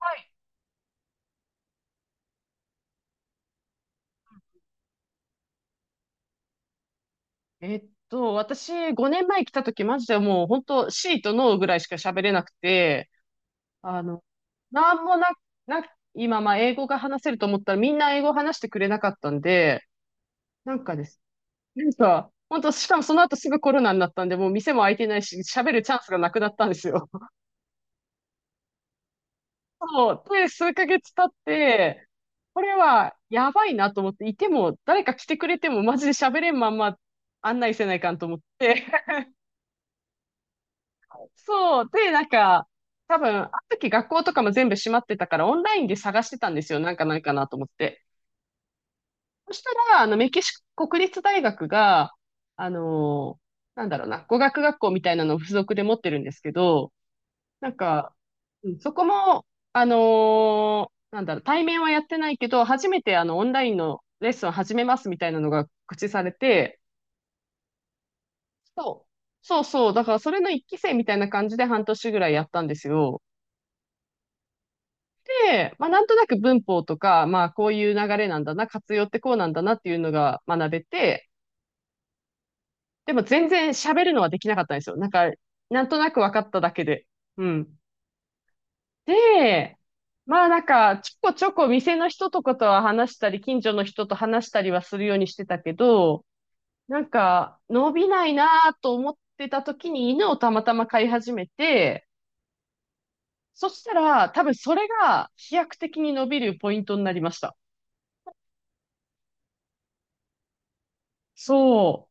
はい。私、5年前来た時、マジでもう、本当シーとノーぐらいしか喋れなくて、あの、なんもな、な、今、まあ、英語が話せると思ったら、みんな英語話してくれなかったんで、なんかです。なんか、本当しかもその後すぐコロナになったんで、もう店も開いてないし、喋るチャンスがなくなったんですよ。そう。で、数ヶ月経って、これはやばいなと思って、いても、誰か来てくれても、マジで喋れんまんま案内せないかんと思って、そう。で、なんか、多分、あの時学校とかも全部閉まってたから、オンラインで探してたんですよ。なんかないかなと思って。そしたら、メキシコ国立大学が、あのーなんだろうな、語学学校みたいなのを付属で持ってるんですけど、なんか、うんそこも、あのーなんだろう、対面はやってないけど、初めてオンラインのレッスンを始めますみたいなのが告知されて、そう、そうそう、だからそれの一期生みたいな感じで半年ぐらいやったんですよ。で、まあ、なんとなく文法とか、まあ、こういう流れなんだな、活用ってこうなんだなっていうのが学べて、でも全然喋るのはできなかったんですよ。なんか、なんとなく分かっただけで。うん。で、まあなんか、ちょこちょこ店の人とかとは話したり、近所の人と話したりはするようにしてたけど、なんか、伸びないなと思ってた時に犬をたまたま飼い始めて、そしたら、多分それが飛躍的に伸びるポイントになりました。そう。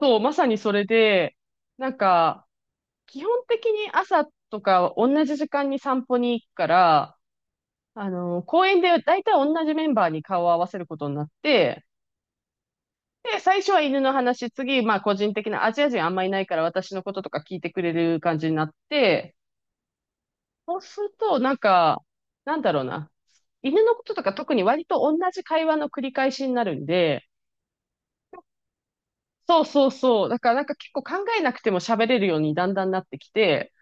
そう、まさにそれで、なんか、基本的に朝とか同じ時間に散歩に行くから、公園で大体同じメンバーに顔を合わせることになって、で、最初は犬の話、次、まあ個人的なアジア人あんまいないから私のこととか聞いてくれる感じになって、そうすると、なんか、なんだろうな。犬のこととか特に割と同じ会話の繰り返しになるんで、そうそうそう。だからなんか結構考えなくても喋れるようにだんだんなってきて、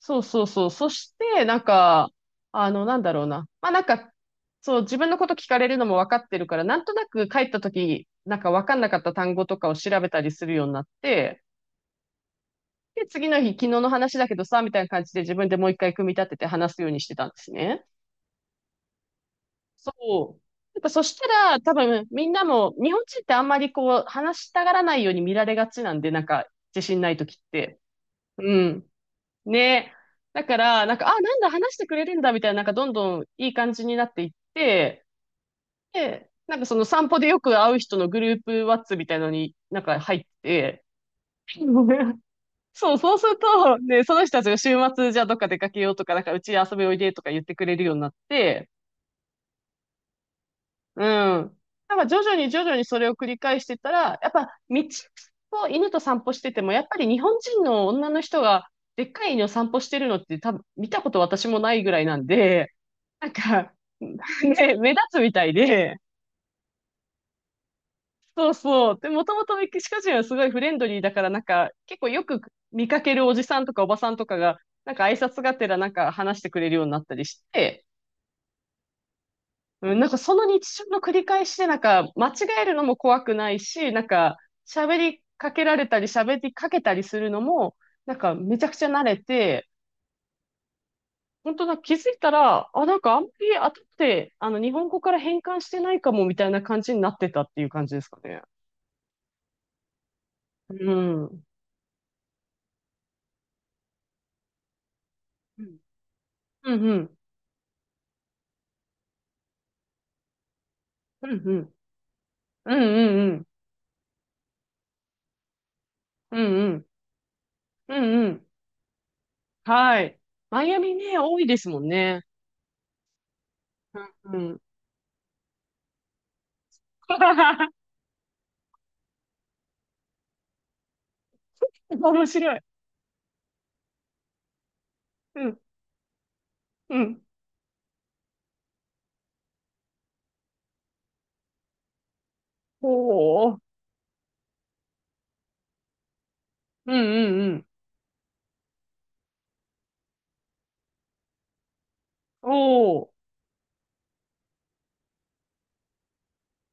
そうそうそう。そして、なんか、なんだろうな。まあなんか、そう、自分のこと聞かれるのも分かってるから、なんとなく帰った時、なんか分かんなかった単語とかを調べたりするようになって、で、次の日、昨日の話だけどさ、みたいな感じで自分でもう一回組み立てて話すようにしてたんですね。そう。やっぱそしたら、多分みんなも、日本人ってあんまりこう、話したがらないように見られがちなんで、なんか、自信ない時って。うん。ね。だから、なんか、あ、なんだ、話してくれるんだ、みたいな、なんか、どんどんいい感じになっていって、で、なんか、その散歩でよく会う人のグループワッツみたいのになんか入って、そう、そうすると、ね、その人たちが週末、じゃあどっか出かけようとか、なんか、うち遊びおいでとか言ってくれるようになって、うん。なんか、徐々に徐々にそれを繰り返してたら、やっぱ、道を犬と散歩してても、やっぱり日本人の女の人が、でっかい犬を散歩してるのって多分見たこと私もないぐらいなんで、なんか、ね、目立つみたいで、そうそう。で、もともとメキシコ人はすごいフレンドリーだから、なんか、結構よく見かけるおじさんとかおばさんとかが、なんか挨拶がてらなんか話してくれるようになったりして、うん、なんかその日常の繰り返しで、なんか、間違えるのも怖くないし、なんか、喋りかけられたり、喋りかけたりするのも、なんか、めちゃくちゃ慣れて、本当だ、気づいたら、あ、なんかあんまり後って、日本語から変換してないかも、みたいな感じになってたっていう感じですかね。うん。うんうん。うん。うんうん。うんうん。うんうん。うんうん。はい。マイアミね、多いですもんね。うん。うん。面白い。うん。うん。おお。うんうんうん。おお。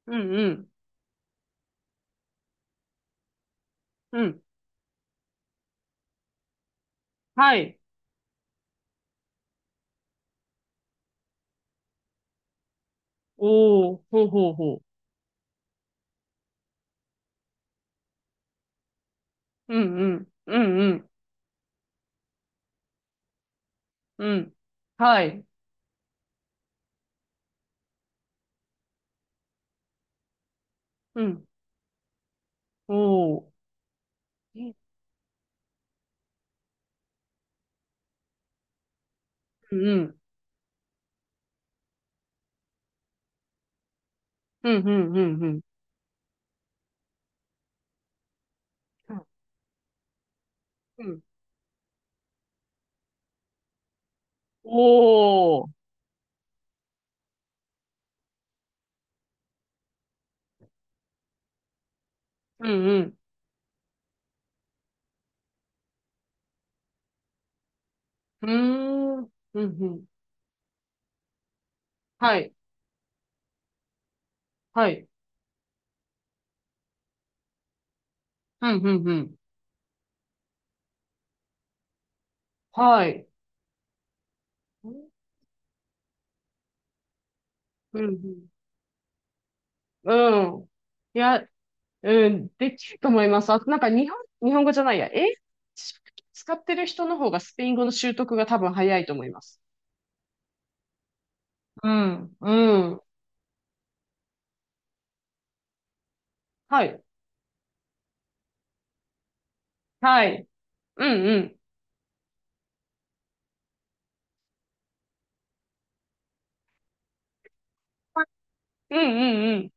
うんうん。うん。はい。おお。ほうほうほう。うんうん。うんうん。うん。はい。うん。おお。うんうん。うんうんうんうん。うん。おお。うんうん。うーん。うんうん。はい。はい。うん、うん、うん。はい。うん、うん。うん。いや、うん、できると思います。あとなんか日本、日本語じゃないや。英語使ってる人の方がスペイン語の習得が多分早いと思います。うん、うん。はい。はい。うん、うん。うんうんうん。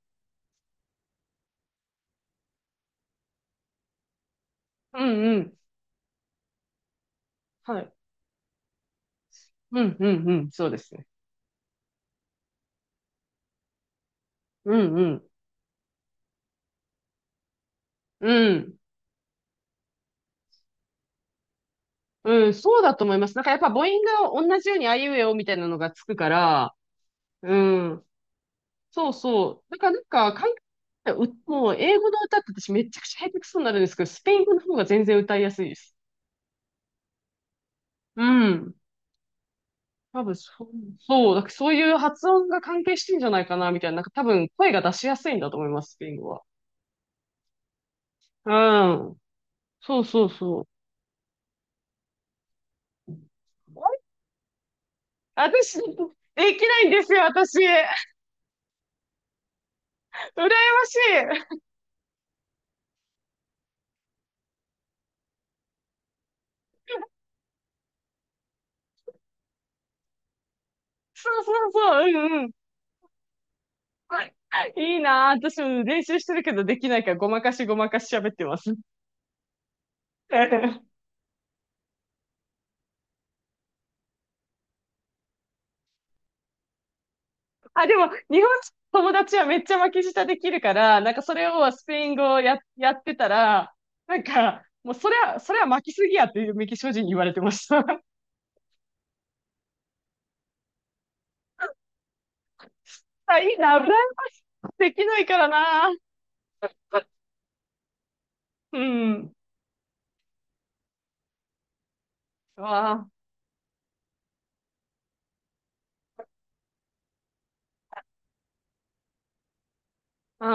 うんうん。はい。うんうんうん。そうですね。うんうん。うん。うん、そうだと思います。なんかやっぱ母音が同じようにあいうえおみたいなのがつくから、うん。そうそう。だからなんか、海外う、もう英語の歌って私めちゃくちゃ下手くそになるんですけど、スペイン語の方が全然歌いやすいです。うん。多分そう、そう、だからそういう発音が関係してんじゃないかな、みたいな。なんか多分声が出しやすいんだと思います、スペイン語は。うん。そうそうそう。私、できないんですよ、私。羨ましい。そうそうそう、うんうん。いいなぁ。私も練習してるけどできないからごまかしごまかし喋ってます。あ、でも、日本友達はめっちゃ巻き舌できるから、なんかそれをスペイン語をやってたら、なんか、もうそれは、それは巻きすぎやっていうメキシコ人に言われてました。あ、いいな、フランスできないからな。うん。わあ、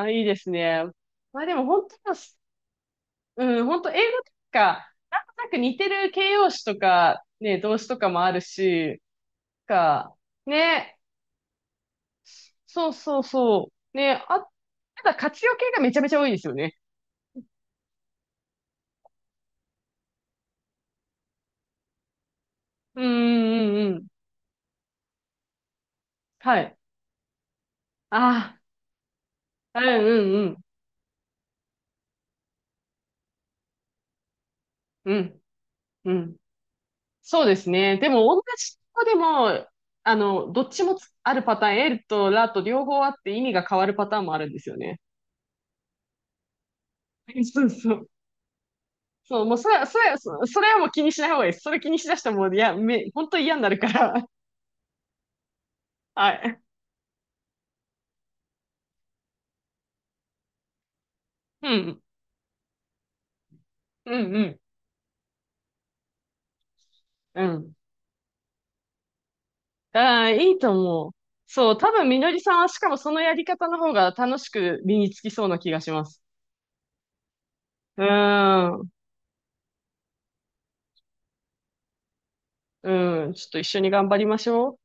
ああ、いいですね。まあでも本当は、うん、本当英語とか、なんとなく似てる形容詞とか、ね、動詞とかもあるし、か、ね、そうそうそう。ね、あ、ただ活用系がめちゃめちゃ多いですよね。うんうんうんうん。はい。ああ、うんうんうん。うん、うん。そうですね。でも、同じ子でも、どっちもつあるパターン、L とラと両方あって意味が変わるパターンもあるんですよね。そうそう。そう、もうそれは、それは、それはもう気にしない方がいいです。それ気にしだしたらもう、いや、本当に嫌になるから。はい。うん。うんうん。うん。ああ、いいと思う。そう、多分みのりさんはしかもそのやり方の方が楽しく身につきそうな気がします。うーん、うん、ちょっと一緒に頑張りましょう。